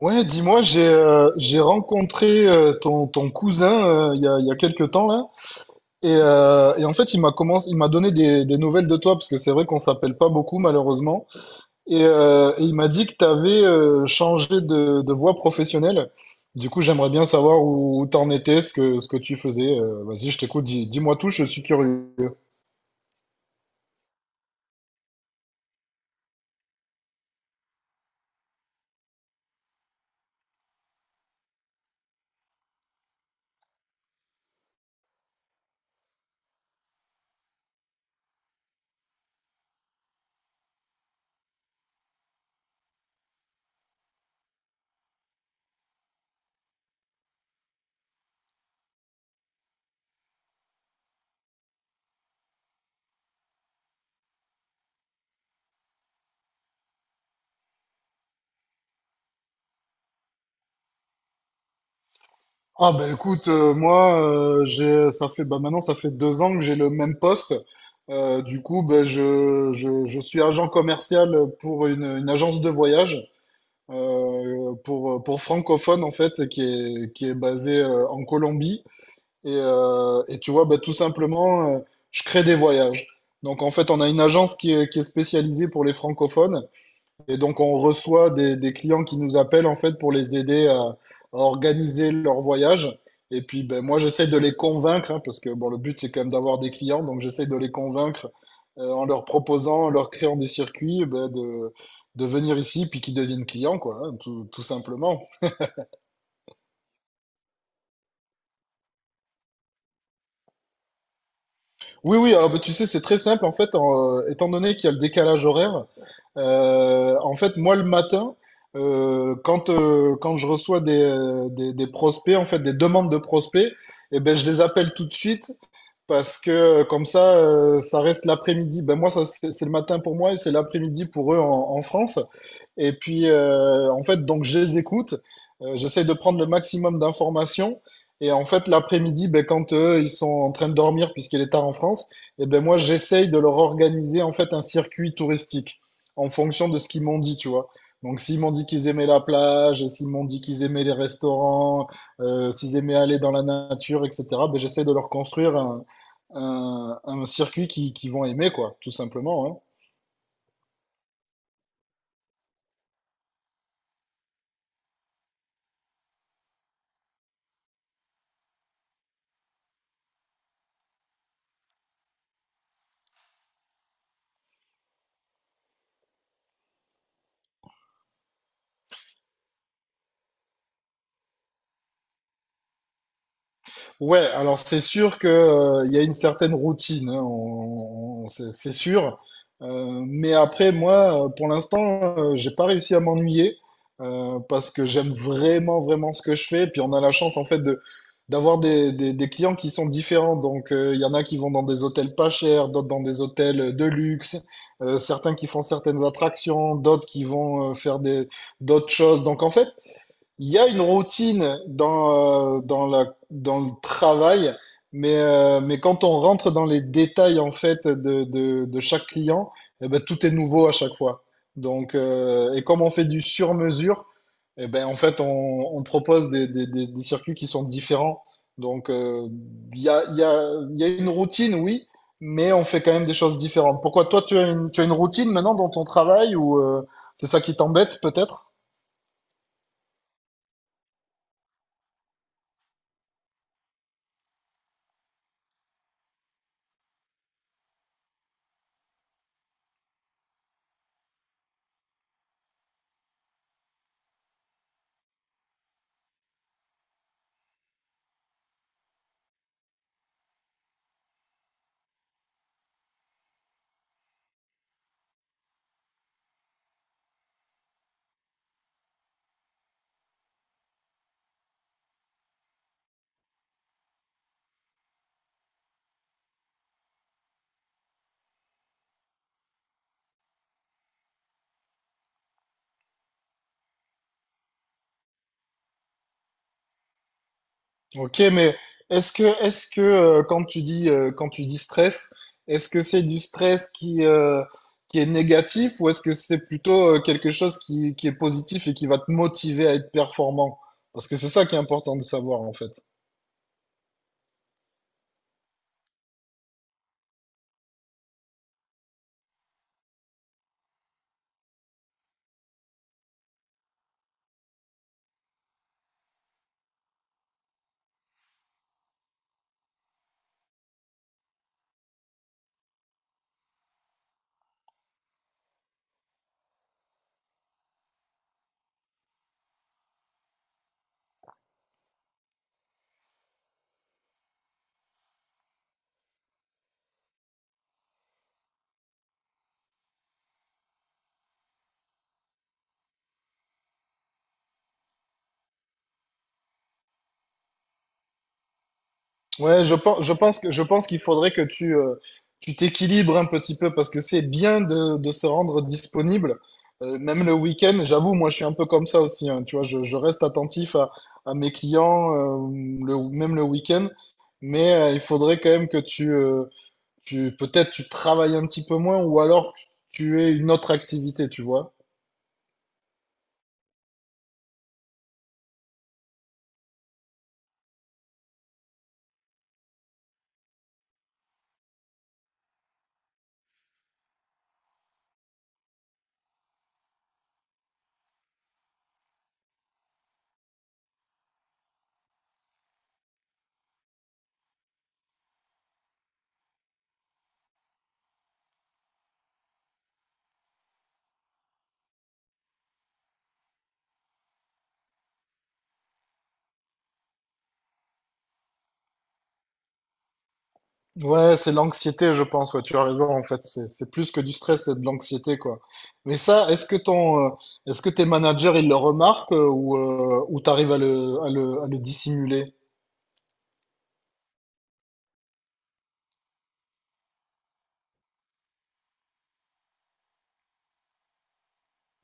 Ouais, dis-moi, j'ai rencontré ton cousin il y a quelques temps là, et en fait il m'a donné des nouvelles de toi parce que c'est vrai qu'on s'appelle pas beaucoup malheureusement, et il m'a dit que tu avais changé de voie professionnelle. Du coup, j'aimerais bien savoir où t'en étais, ce que tu faisais. Vas-y, je t'écoute, dis-moi tout, je suis curieux. Ah bah écoute, moi, j'ai ça fait, bah, maintenant ça fait 2 ans que j'ai le même poste. Du coup, bah, je suis agent commercial pour une agence de voyage pour francophones en fait qui est basée en Colombie. Et tu vois, bah, tout simplement, je crée des voyages. Donc en fait, on a une agence qui est spécialisée pour les francophones. Et donc, on reçoit des clients qui nous appellent en fait pour les aider à organiser leur voyage. Et puis, ben, moi, j'essaie de les convaincre, hein, parce que bon, le but, c'est quand même d'avoir des clients. Donc, j'essaie de les convaincre, en leur proposant, en leur créant des circuits, ben, de venir ici, puis qu'ils deviennent clients, quoi, hein, tout simplement. Oui, oui, alors ben, tu sais, c'est très simple, en fait, étant donné qu'il y a le décalage horaire. En fait, moi, le matin, quand je reçois des prospects, en fait, des demandes de prospects, eh ben, je les appelle tout de suite parce que, comme ça, ça reste l'après-midi. Ben moi, ça, c'est le matin pour moi et c'est l'après-midi pour eux en France. Et puis, en fait, donc je les écoute. J'essaie de prendre le maximum d'informations. Et en fait, l'après-midi, ben, quand eux, ils sont en train de dormir puisqu'il est tard en France, et ben moi, j'essaye de leur organiser en fait un circuit touristique en fonction de ce qu'ils m'ont dit, tu vois. Donc, s'ils m'ont dit qu'ils aimaient la plage, s'ils m'ont dit qu'ils aimaient les restaurants, s'ils aimaient aller dans la nature, etc., ben, j'essaie de leur construire un circuit qui vont aimer, quoi, tout simplement, hein. Ouais, alors c'est sûr que, il y a une certaine routine, hein, c'est sûr. Mais après, moi, pour l'instant, j'ai pas réussi à m'ennuyer, parce que j'aime vraiment, vraiment ce que je fais. Puis on a la chance, en fait, de d'avoir des clients qui sont différents. Donc, il y en a qui vont dans des hôtels pas chers, d'autres dans des hôtels de luxe, certains qui font certaines attractions, d'autres qui vont, faire des d'autres choses. Donc, en fait, il y a une routine dans, dans le travail, mais quand on rentre dans les détails en fait de chaque client, eh ben, tout est nouveau à chaque fois. Donc, et comme on fait du sur-mesure, eh ben, en fait, on propose des circuits qui sont différents. Donc, il y a, il y a, il y a une routine, oui, mais on fait quand même des choses différentes. Pourquoi toi, tu as une routine maintenant dans ton travail ou, c'est ça qui t'embête peut-être? Ok, mais est-ce que quand quand tu dis stress, est-ce que c'est du stress qui est négatif ou est-ce que c'est plutôt, quelque chose qui est positif et qui va te motiver à être performant? Parce que c'est ça qui est important de savoir en fait. Ouais, je pense, je pense qu'il faudrait que tu t'équilibres un petit peu parce que c'est bien de se rendre disponible. Même le week-end, j'avoue, moi je suis un peu comme ça aussi, hein, tu vois, je reste attentif à mes clients, même le week-end. Mais, il faudrait quand même que tu, tu peut-être tu travailles un petit peu moins ou alors tu aies une autre activité, tu vois. Ouais, c'est l'anxiété, je pense. Ouais, tu as raison, en fait. C'est plus que du stress, c'est de l'anxiété, quoi. Mais ça, est-ce que tes managers, ils le remarquent, ou t'arrives à le, à le dissimuler?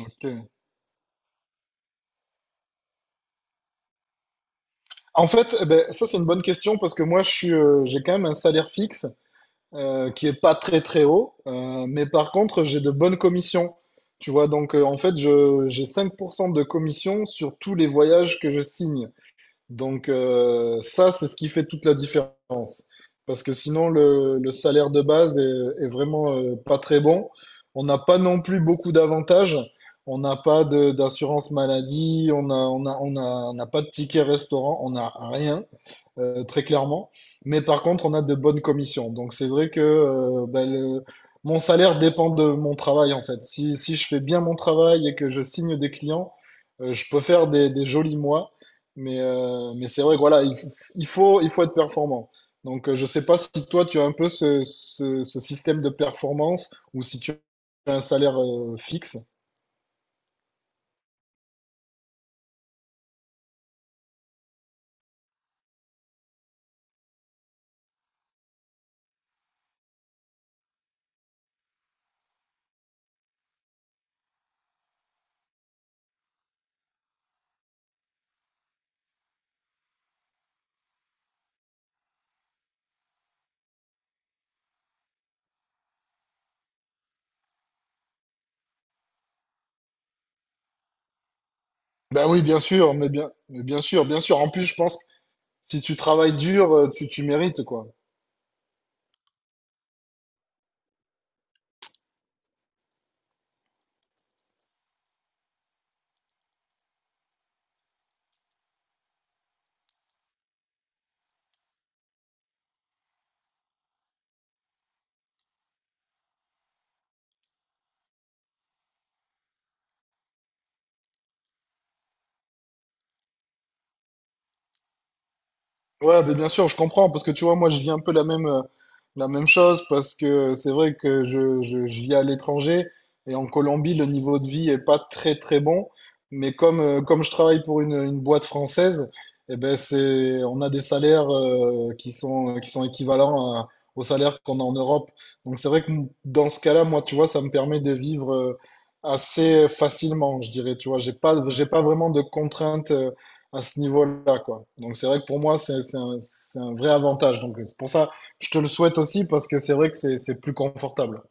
Ok. En fait, eh ben, ça c'est une bonne question parce que moi j'ai quand même un salaire fixe, qui est pas très très haut, mais par contre j'ai de bonnes commissions. Tu vois, donc, en fait je j'ai 5% de commission sur tous les voyages que je signe. Donc, ça c'est ce qui fait toute la différence. Parce que sinon le salaire de base est vraiment, pas très bon. On n'a pas non plus beaucoup d'avantages. On n'a pas d'assurance maladie, on n'a pas de ticket restaurant, on n'a rien, très clairement. Mais par contre, on a de bonnes commissions. Donc c'est vrai que, bah, mon salaire dépend de mon travail en fait. Si je fais bien mon travail et que je signe des clients, je peux faire des jolis mois. Mais c'est vrai que voilà, il faut être performant. Donc, je sais pas si toi tu as un peu ce système de performance ou si tu as un salaire, fixe. Ben oui, bien sûr, mais bien sûr, bien sûr. En plus, je pense que si tu travailles dur, tu mérites, quoi. Ouais, mais bien sûr, je comprends, parce que tu vois, moi, je vis un peu la même chose, parce que c'est vrai que je vis à l'étranger, et en Colombie, le niveau de vie est pas très, très bon, mais comme je travaille pour une boîte française, eh ben, on a des salaires, qui sont équivalents aux salaires qu'on a en Europe. Donc, c'est vrai que dans ce cas-là, moi, tu vois, ça me permet de vivre, assez facilement, je dirais, tu vois, j'ai pas vraiment de contraintes, à ce niveau-là, quoi. Donc c'est vrai que pour moi, c'est un vrai avantage. Donc c'est pour ça, je te le souhaite aussi parce que c'est vrai que c'est plus confortable.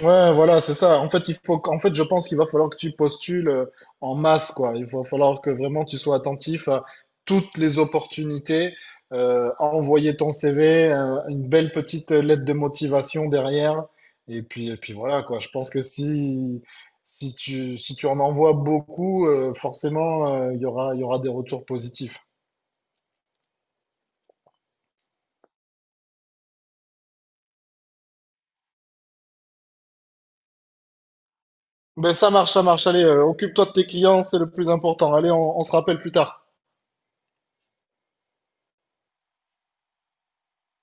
Ouais, voilà, c'est ça. En fait, en fait, je pense qu'il va falloir que tu postules, en masse, quoi. Il va falloir que vraiment tu sois attentif à toutes les opportunités, envoyer ton CV, une belle petite lettre de motivation derrière. Et puis, voilà, quoi. Je pense que si tu en envoies beaucoup, forcément, il y aura des retours positifs. Ben, ça marche, ça marche. Allez, occupe-toi de tes clients, c'est le plus important. Allez, on se rappelle plus tard.